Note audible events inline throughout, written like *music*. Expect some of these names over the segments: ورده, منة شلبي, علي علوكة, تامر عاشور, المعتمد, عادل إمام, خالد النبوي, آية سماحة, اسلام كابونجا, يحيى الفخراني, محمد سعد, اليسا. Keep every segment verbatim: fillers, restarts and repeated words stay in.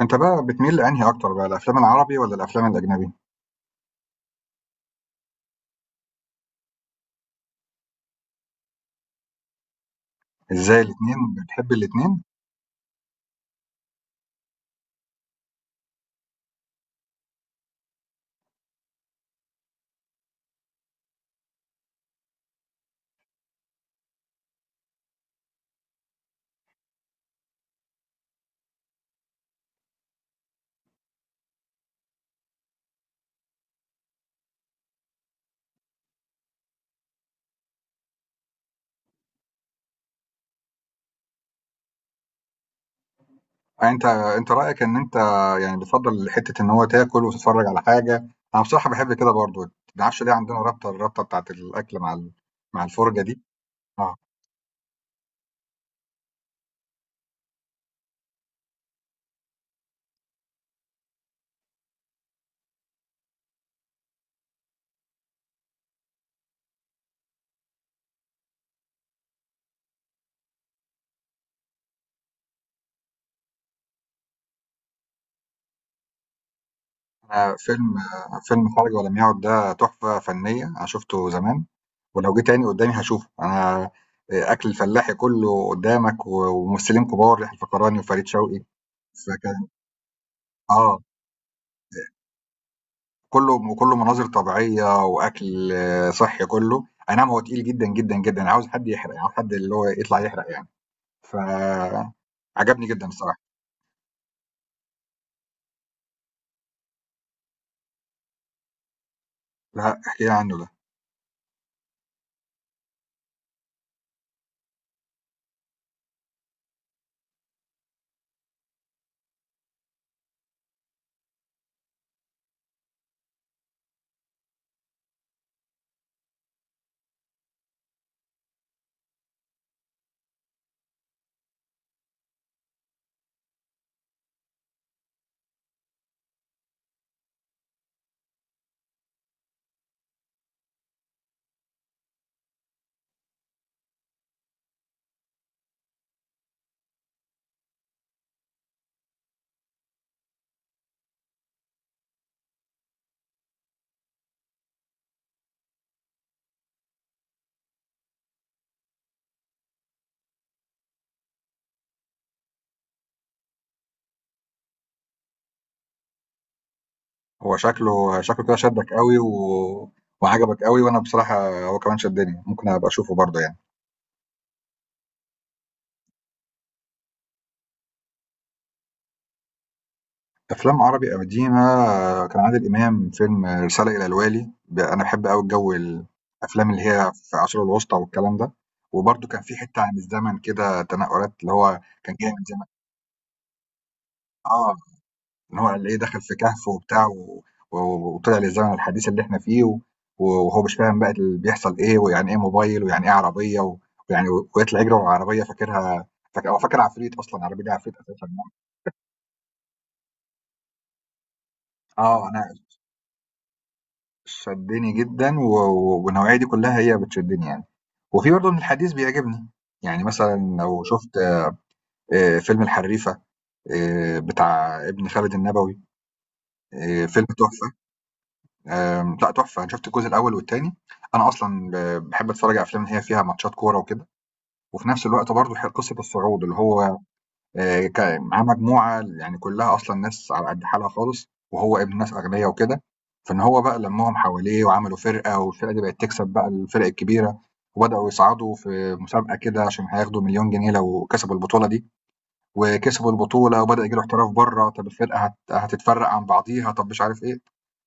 أنت بقى بتميل لأنهي أكتر بقى الأفلام العربي والّا الأفلام الأجنبي؟ إزاي الاتنين بتحب الاتنين؟ آه، أنت أنت رأيك إن أنت يعني بتفضل حتة إن هو تاكل وتتفرج على حاجة. أنا بصراحة باحب كده برضه، ما اعرفش ليه عندنا رابطة الرابطة بتاعة الأكل مع ال مع الفرجة دي. آه أنا فيلم آه، فيلم خارج ولم يعد ده تحفة فنية، أنا شُفته زمان ولو جه تاني قدامي هاشوفه. أنا آه، أكل الفلاحي كله قدامك و وممثلين كبار يحيى الفخراني وفريد شوقي، فكان آه. كله وكله مناظر طبيعية وأكل آه، صحي كله. أي نعم هو تقيل جدا جدا جدا، أنا عاوز حد يحرق، يعني عاوز حد اللي هو يطلع يحرق يعني. فعجبني جدا الصراحة. لا احكي لي عنه ده. هو شكله شكله كده شدك قوي و... وعجبك قوي، وأنا بصراحة هو كمان شدني، ممكن أبقى أشوفه برضه يعني. أفلام عربي قديمة، آه، كان عادل إمام، فيلم آه، رسالة إلى الوالي. ب- أنا بحب قوي الجو، الأفلام اللي هي في العصور الوسطى والكلام ده. وبرضه كان في حتة عن الزمن كده، تنقلات اللي هو كان جاي من زمان. اه، ان هو اللي ايه دخل في كهف وبتاع و... و... وطلع للزمن الحديث اللي احنا فيه. و... وهو مش فاهم بقى اللي بيحصل ايه، ويعني ايه موبايل، ويعني ايه عربيه. و... ويعني و- ويطلع يجري ورا عربيه فاكرها. فاكر، هو فاكر عفريت، اصلا العربيه دي عفريت اساسا يعني. اه، انا شدني جدا و... و- والنوعيه دي كلها هي بتشدني يعني. وفي برضه من الحديث بيعجبني، يعني مثلا لو شفت آه، فيلم الحريفه، آه، بتاع ابن خالد النبوي، آه، فيلم تحفه. آمم، لأ تحفة، أنا شُفت الجزء الأول والتاني. أنا أصلًا ب باحب أتفرّج على أفلام اللي هي فيها ماتشات كورة وكده، وفي نفس الوقت برضه ح قصة الصعود اللي هو آآ، ك معاه مجموعة يعني كلّها أصلًا ناس على قد حالها خالص، وهو ابن ناس أغنيا وكده. فإن هو بقى لمّاهم حواليه وعملوا فرقة، والفرقة دي بقت تكسب بقى الفرق الكبيرة، وبدأوا يصعدوا في مسابقة كده عشان هياخدوا مليون جنيه لو كسبوا البطولة دي. وكسبوا البطولة وبدأ ييجي له احتراف برّه، طَب الفرقة هت هتتفرّق عن بعضيها، طَب مش عارف إيه.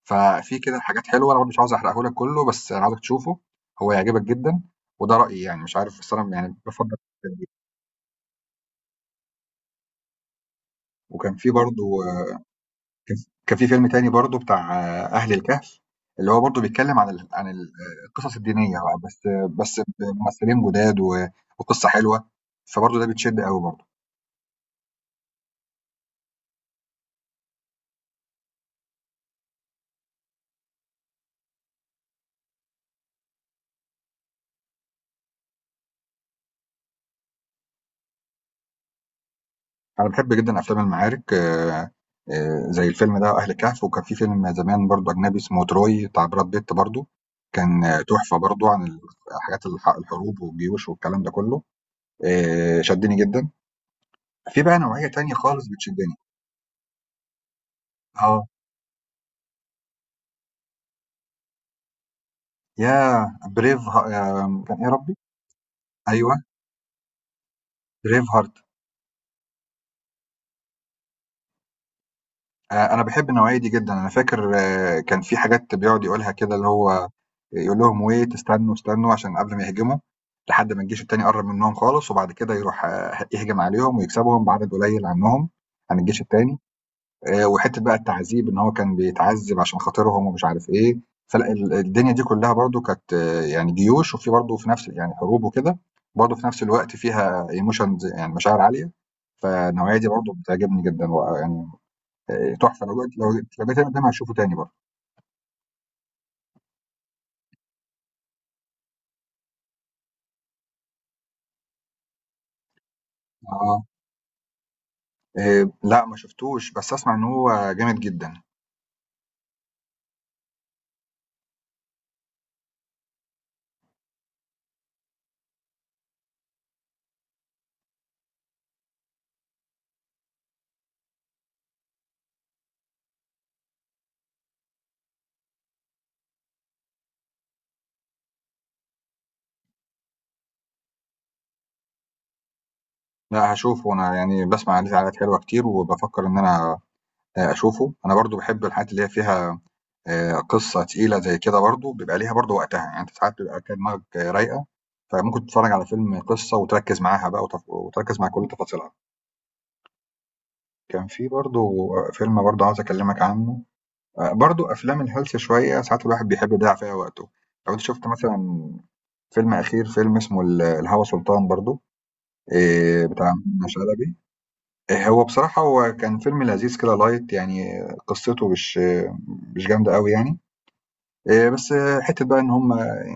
ففي كده حاجات حلوة، أنا برضه مش عاوز أحرقه لك كله، بس أنا عاوزك تشوفه، هو هيعجبك جدًا. وده رأيي يعني مش عارف، بس أنا يعني بافضّل. وكان في برضه آه، كان ف كان في فيلم تاني برضه بتاع آه، أهل الكهف، اللي هو برضه بيتكلّم عن ال عن ال آه، القصص الدينية بقى. بس بس بممثلين جداد و وقصة حلوة، فبرضه ده بتشد أوي برضه. انا بحب جدا افلام المعارك. آه، آه، زي الفيلم ده اهل كهف، وكان في فيلم زمان برضو اجنبي اسمه تروي بتاع براد بيت برضو، كان آه، تحفه برضو عن ال- حاجات الح- الحروب والجيوش والكلام ده كله. آه، شدني جدا. في بقى نوعيه تانية خالص بتشدني. اه، يا بريف ها... آه، كان ايه يا ربي. ايوه بريف هارت. آآ أنا باحب النوعية دي جدًا. أنا فاكر آه، كان في حاجات بيقعد يقولها كده اللي هو يقول لهم wait، استنوا، استنوا عشان قبل ما يهجموا، لحد ما الجيش التاني قرّب منّهم خالص، وبعد كده يروح آه، يهجم عليهم ويكسبهم بعدد قليل عنّهم، عن الجيش التاني. آآ وحتّة بقى التعذيب إن هو كان بيتعذّب عشان خاطرهم ومش عارف إيه. فلأ ال الدنيا دي كلّها برضه كانت آه، يعني جيوش، وفي برضه في نفس يعني حروب وكده، برضه في نفس الوقت فيها emotions، يعني مشاعر عالية. فالنوعية دي برضه بتعجبني جدًا ويعني آه، تحفه. لو جيت لو جيت لو جيت أنا قدامي هشوفه تاني برضه. اه، آه، لا ما شفتوش بس اسمع ان هو جامد جدا. لا هشوفه انا يعني، بسمع عليه حاجات حلوه كتير وبفكر ان انا آه، اشوفه. انا برضو بحب الحاجات اللي هي فيها آه، قصه تقيله زي كده، برضو بيبقى ليها برضو وقتها يعني، انت ساعات بيبقى كده دماغك آه، رايقه، فممكن تتفرج على فيلم قصه وتركز معاها بقى وتف... وتركز مع كل تفاصيلها. كان في برضو فيلم برضو عاوز اكلمك عنه. آه، برضو افلام الهلس شويه، ساعات الواحد بيحب يضيع فيها وقته. لو انت شفت مثلا فيلم أخير فيلم اسمه ال الهوى سلطان برضه، آآ بتاع منة شلبي. آآ هو بصراحة هو كان فيلم لذيذ كده light، يعني قصته مش مش جامدة أوي يعني. آآ بس حتّة بقى إن هم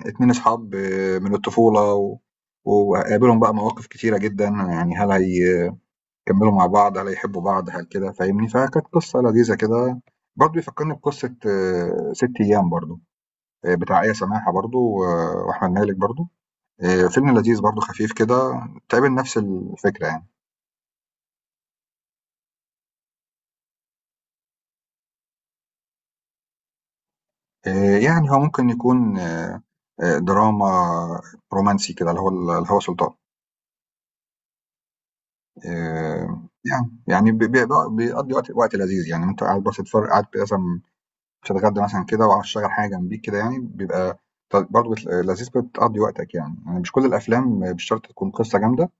اتنين أصحاب إيه، من الطفولة، و وقابلهم بقى مواقف كتيرة جدًا، يعني هل هيكمّلوا مع بعض، هل هيحبّوا بعض، هل كده فاهمني؟ فكانت قصة لذيذة كده. برضه بيفكّرني بقصة ست أيام برضه، آآ بتاع آية سماحة برضه و وأحمد مالك برضه. آه، فيلم لذيذ برضه خفيف كده، تقابل نفس الفكرة يعني. آه، يعني هو ممكن يكون آه، آه، دراما رومانسي كده، اللي هو الهوى سلطان. آه، يعني يعني بي- بي- بيقضي وقت وقت لذيذ يعني، انت قاعد بس تتفرج، قاعد مثلا بتتغدى مثلا كده وعاوز تشغل حاجة جنبيك كده، يعني بيبقى برضه لذيذ بتقضي وقتك يعني. يعني مش كل الأفلام مش شرط تكون قصة جامدة،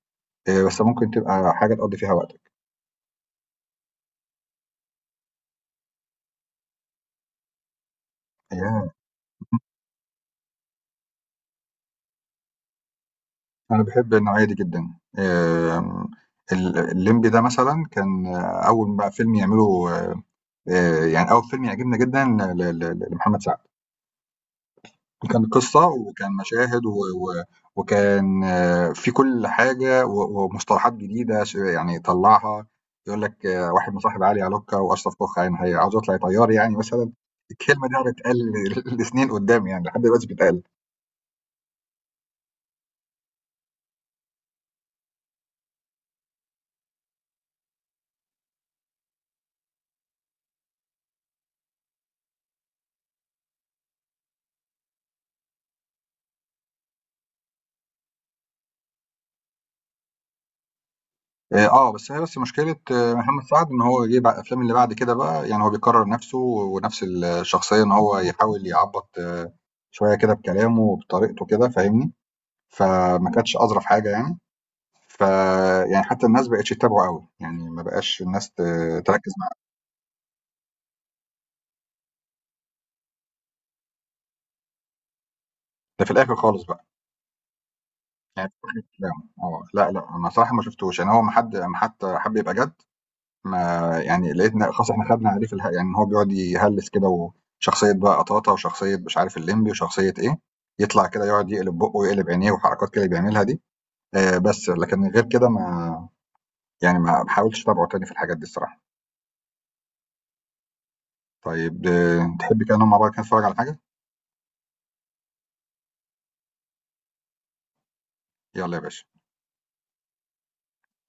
آه، بس ممكن تبقى حاجة تقضي فيها وقتك. آه، أنا باحب النوعية دي جدًا. آمم، ال الليمبي ده مثلًا كان آه، أول ما فيلم يعمله، آآ يعني أول فيلم يعجبني جدًا ل ل ل لمحمد سعد. وكان قصة وكان مشاهد و و وكان آه، في كل حاجة و ومصطلحات جديدة ش يعني طلّعها. يقول لك آه، واحد مصاحب علي علوكة وأشرف كوخ عين هي عاوز يطلع طيار يعني مثلًا. الكلمة دي هتتقال *laughs* لسنين قدّام يعني، لحد دلوقتي بتتقال. آآ آه، بس هي بس مشكلة آه، محمد سعد إن هو جه بع الأفلام اللي بعد كده بقى، يعني هو بيكرّر نَفْسه ونَفْس الشخصية، إن هو يحاول يعبّط آه، شوية كده بكلامه وبطريقته كده فاهمني. فما كانتش أظرف حاجة يعني. فيعني حتى الناس ما بقتش تتابعه أوي، يعني ما بقاش الناس ت تركّز معاه، ده في الآخر خالص بقى، يعني في آخر كلامه. آه، لأ، لأ، أنا صراحة ما شُفتوش. يعني هو ما حد أمّا حتى حَب يبقى جَد ما، يعني لقيتنا خلاص إحنا خدنا عليه في اله، يعني إن هو بيقعد يهلِّس كده، وشخصية بقى قطاطا وشخصية مش عارف اللمبي وشخصية إيه، يطلع كده يقعد يقلب بُقّه ويقلب عينيه وحركات كده بيعملها دي. آآ بس، لكن غير كده ما يعني ما ما حاولتش أتابعه تاني في الحاجات دي الصراحة. طيب آه، تحب كده نقعد مع بعض كده نتفرّج على حاجة؟ يالّا يا باشا.